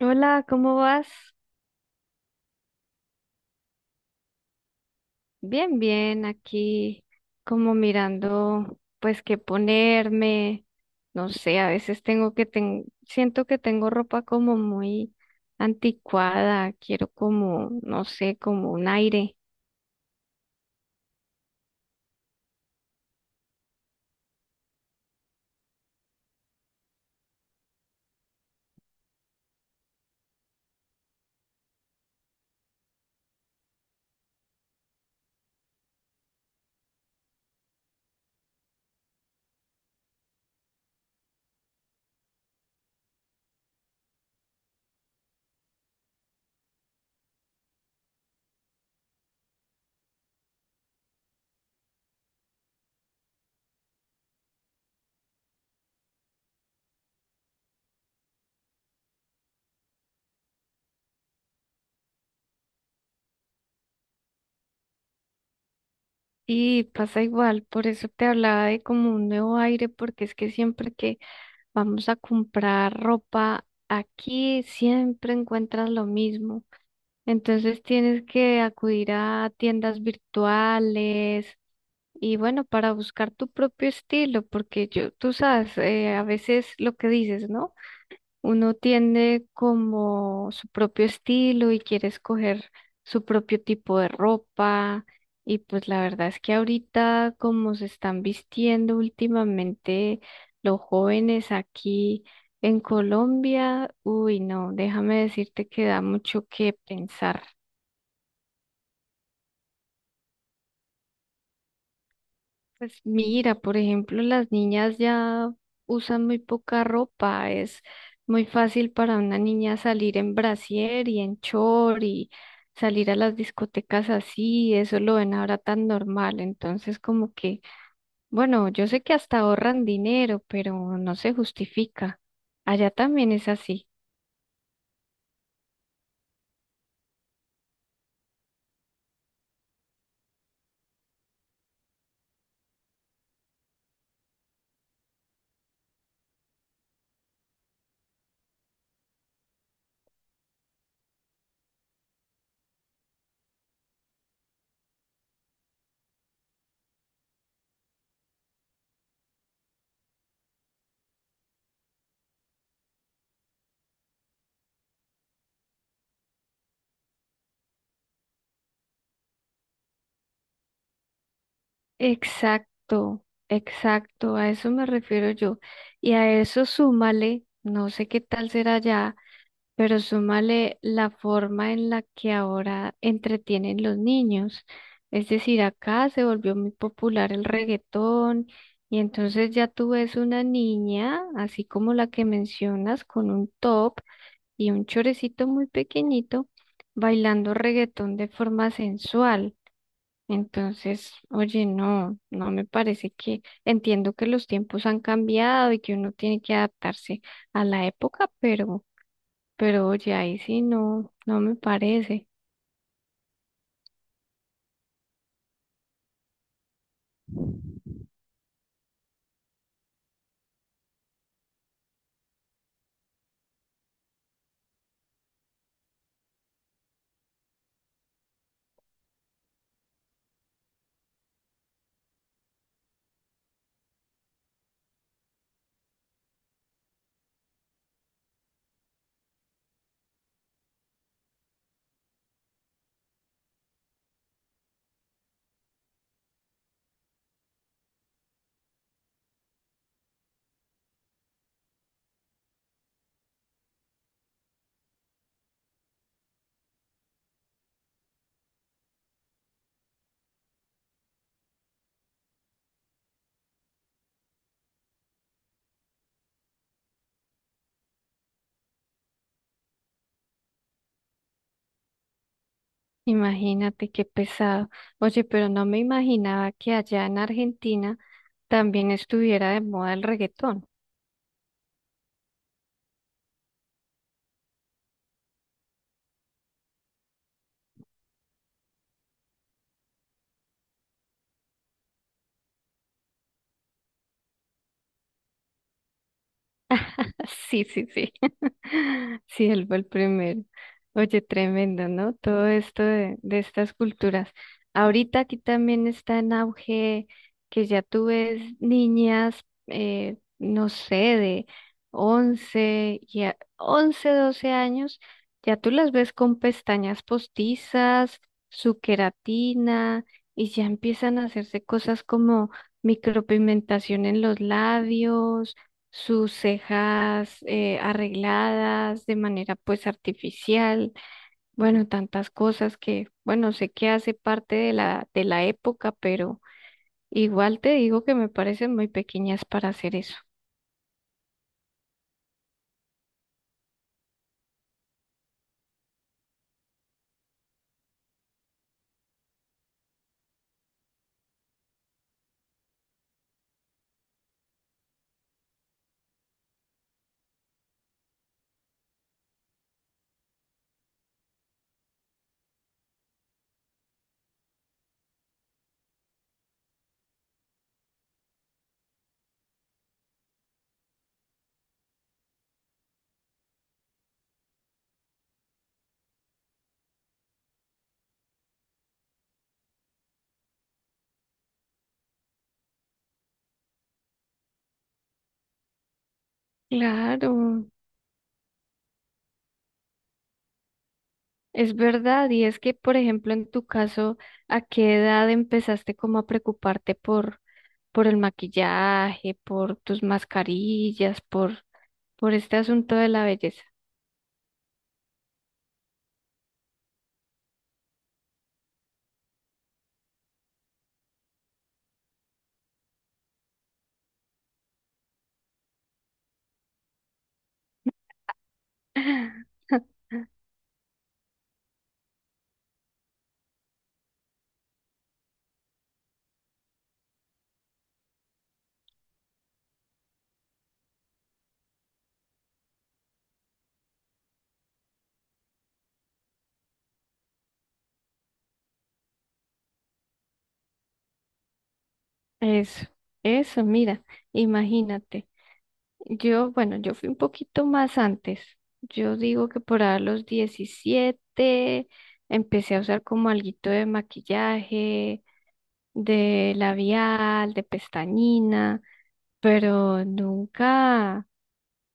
Hola, ¿cómo vas? Bien, bien, aquí como mirando pues qué ponerme, no sé, a veces tengo siento que tengo ropa como muy anticuada, quiero como, no sé, como un aire. Y pasa igual, por eso te hablaba de como un nuevo aire, porque es que siempre que vamos a comprar ropa aquí, siempre encuentras lo mismo. Entonces tienes que acudir a tiendas virtuales y bueno, para buscar tu propio estilo, porque yo, tú sabes, a veces lo que dices, ¿no? Uno tiene como su propio estilo y quiere escoger su propio tipo de ropa y pues la verdad es que ahorita como se están vistiendo últimamente los jóvenes aquí en Colombia, uy, no, déjame decirte que da mucho que pensar. Pues mira, por ejemplo, las niñas ya usan muy poca ropa. Es muy fácil para una niña salir en brasier y en chor y salir a las discotecas así. Eso lo ven ahora tan normal. Entonces, como que, bueno, yo sé que hasta ahorran dinero, pero no se justifica. Allá también es así. Exacto, exacto. A eso me refiero yo. Y a eso súmale, no sé qué tal será allá. Pero súmale la forma en la que ahora entretienen los niños. Es decir, acá se volvió muy popular el reggaetón y entonces ya tú ves una niña, así como la que mencionas, con un top y un chorecito muy pequeñito, bailando reggaetón de forma sensual. Entonces, oye, no, no me parece que entiendo que los tiempos han cambiado y que uno tiene que adaptarse a la época, pero... Pero oye, ahí sí no, no me parece. Imagínate qué pesado. Oye, pero no me imaginaba que allá en Argentina también estuviera de moda el reggaetón. Sí, sí, sí. Sí, él fue el primero. Oye, tremendo, ¿no? Todo esto de estas culturas. Ahorita aquí también está en auge que ya tú ves niñas, no sé, de 11, ya, 11 12 años, ya tú las ves con pestañas postizas, su queratina, y ya empiezan a hacerse cosas como micropigmentación en los labios, sus cejas arregladas de manera pues artificial, bueno, tantas cosas que, bueno, sé que hace parte de la época, pero igual te digo que me parecen muy pequeñas para hacer eso. Claro, es verdad, y es que, por ejemplo, en tu caso, ¿a qué edad empezaste como a preocuparte por, el maquillaje, por tus mascarillas, por este asunto de la belleza? Eso, eso, mira, imagínate. Yo, bueno, yo fui un poquito más antes. Yo digo que por a los 17 empecé a usar como alguito de maquillaje, de labial, de pestañina, pero nunca,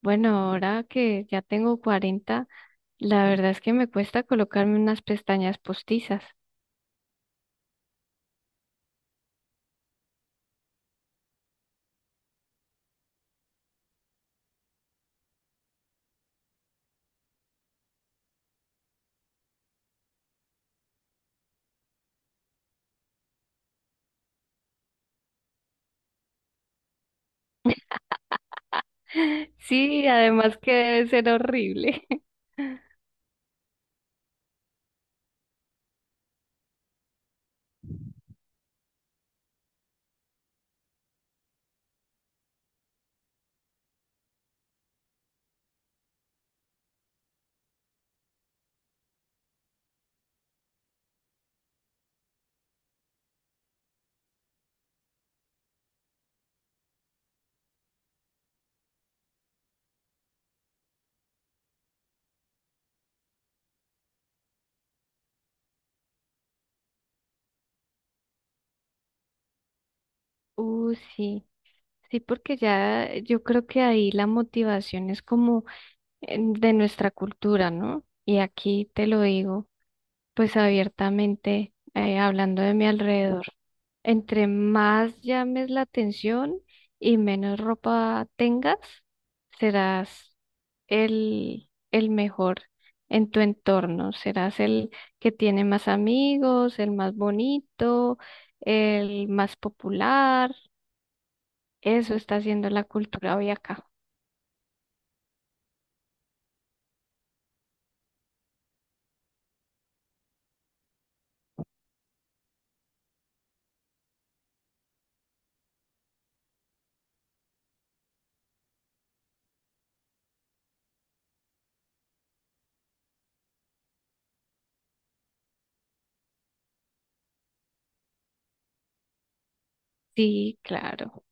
bueno, ahora que ya tengo 40, la verdad es que me cuesta colocarme unas pestañas postizas. Sí, además que debe ser horrible. Sí. Sí, porque ya yo creo que ahí la motivación es como de nuestra cultura, ¿no? Y aquí te lo digo, pues abiertamente, hablando de mi alrededor, entre más llames la atención y menos ropa tengas, serás el mejor en tu entorno, serás el que tiene más amigos, el más bonito, el más popular. Eso está haciendo la cultura hoy acá. Sí, claro.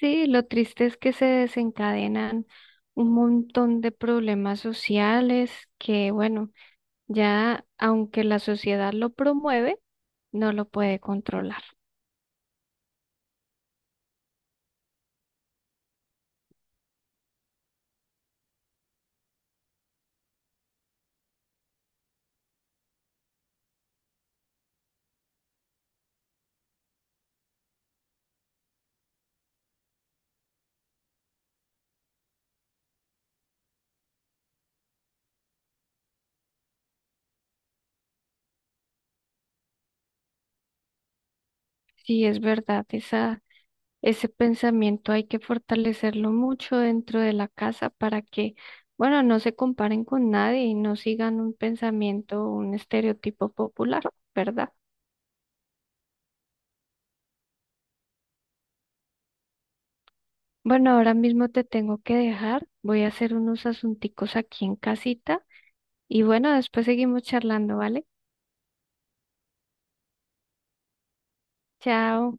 Sí, lo triste es que se desencadenan un montón de problemas sociales que, bueno, ya aunque la sociedad lo promueve, no lo puede controlar. Sí, es verdad, esa, ese pensamiento hay que fortalecerlo mucho dentro de la casa para que, bueno, no se comparen con nadie y no sigan un pensamiento, un estereotipo popular, ¿verdad? Bueno, ahora mismo te tengo que dejar. Voy a hacer unos asunticos aquí en casita y bueno, después seguimos charlando, ¿vale? Chao.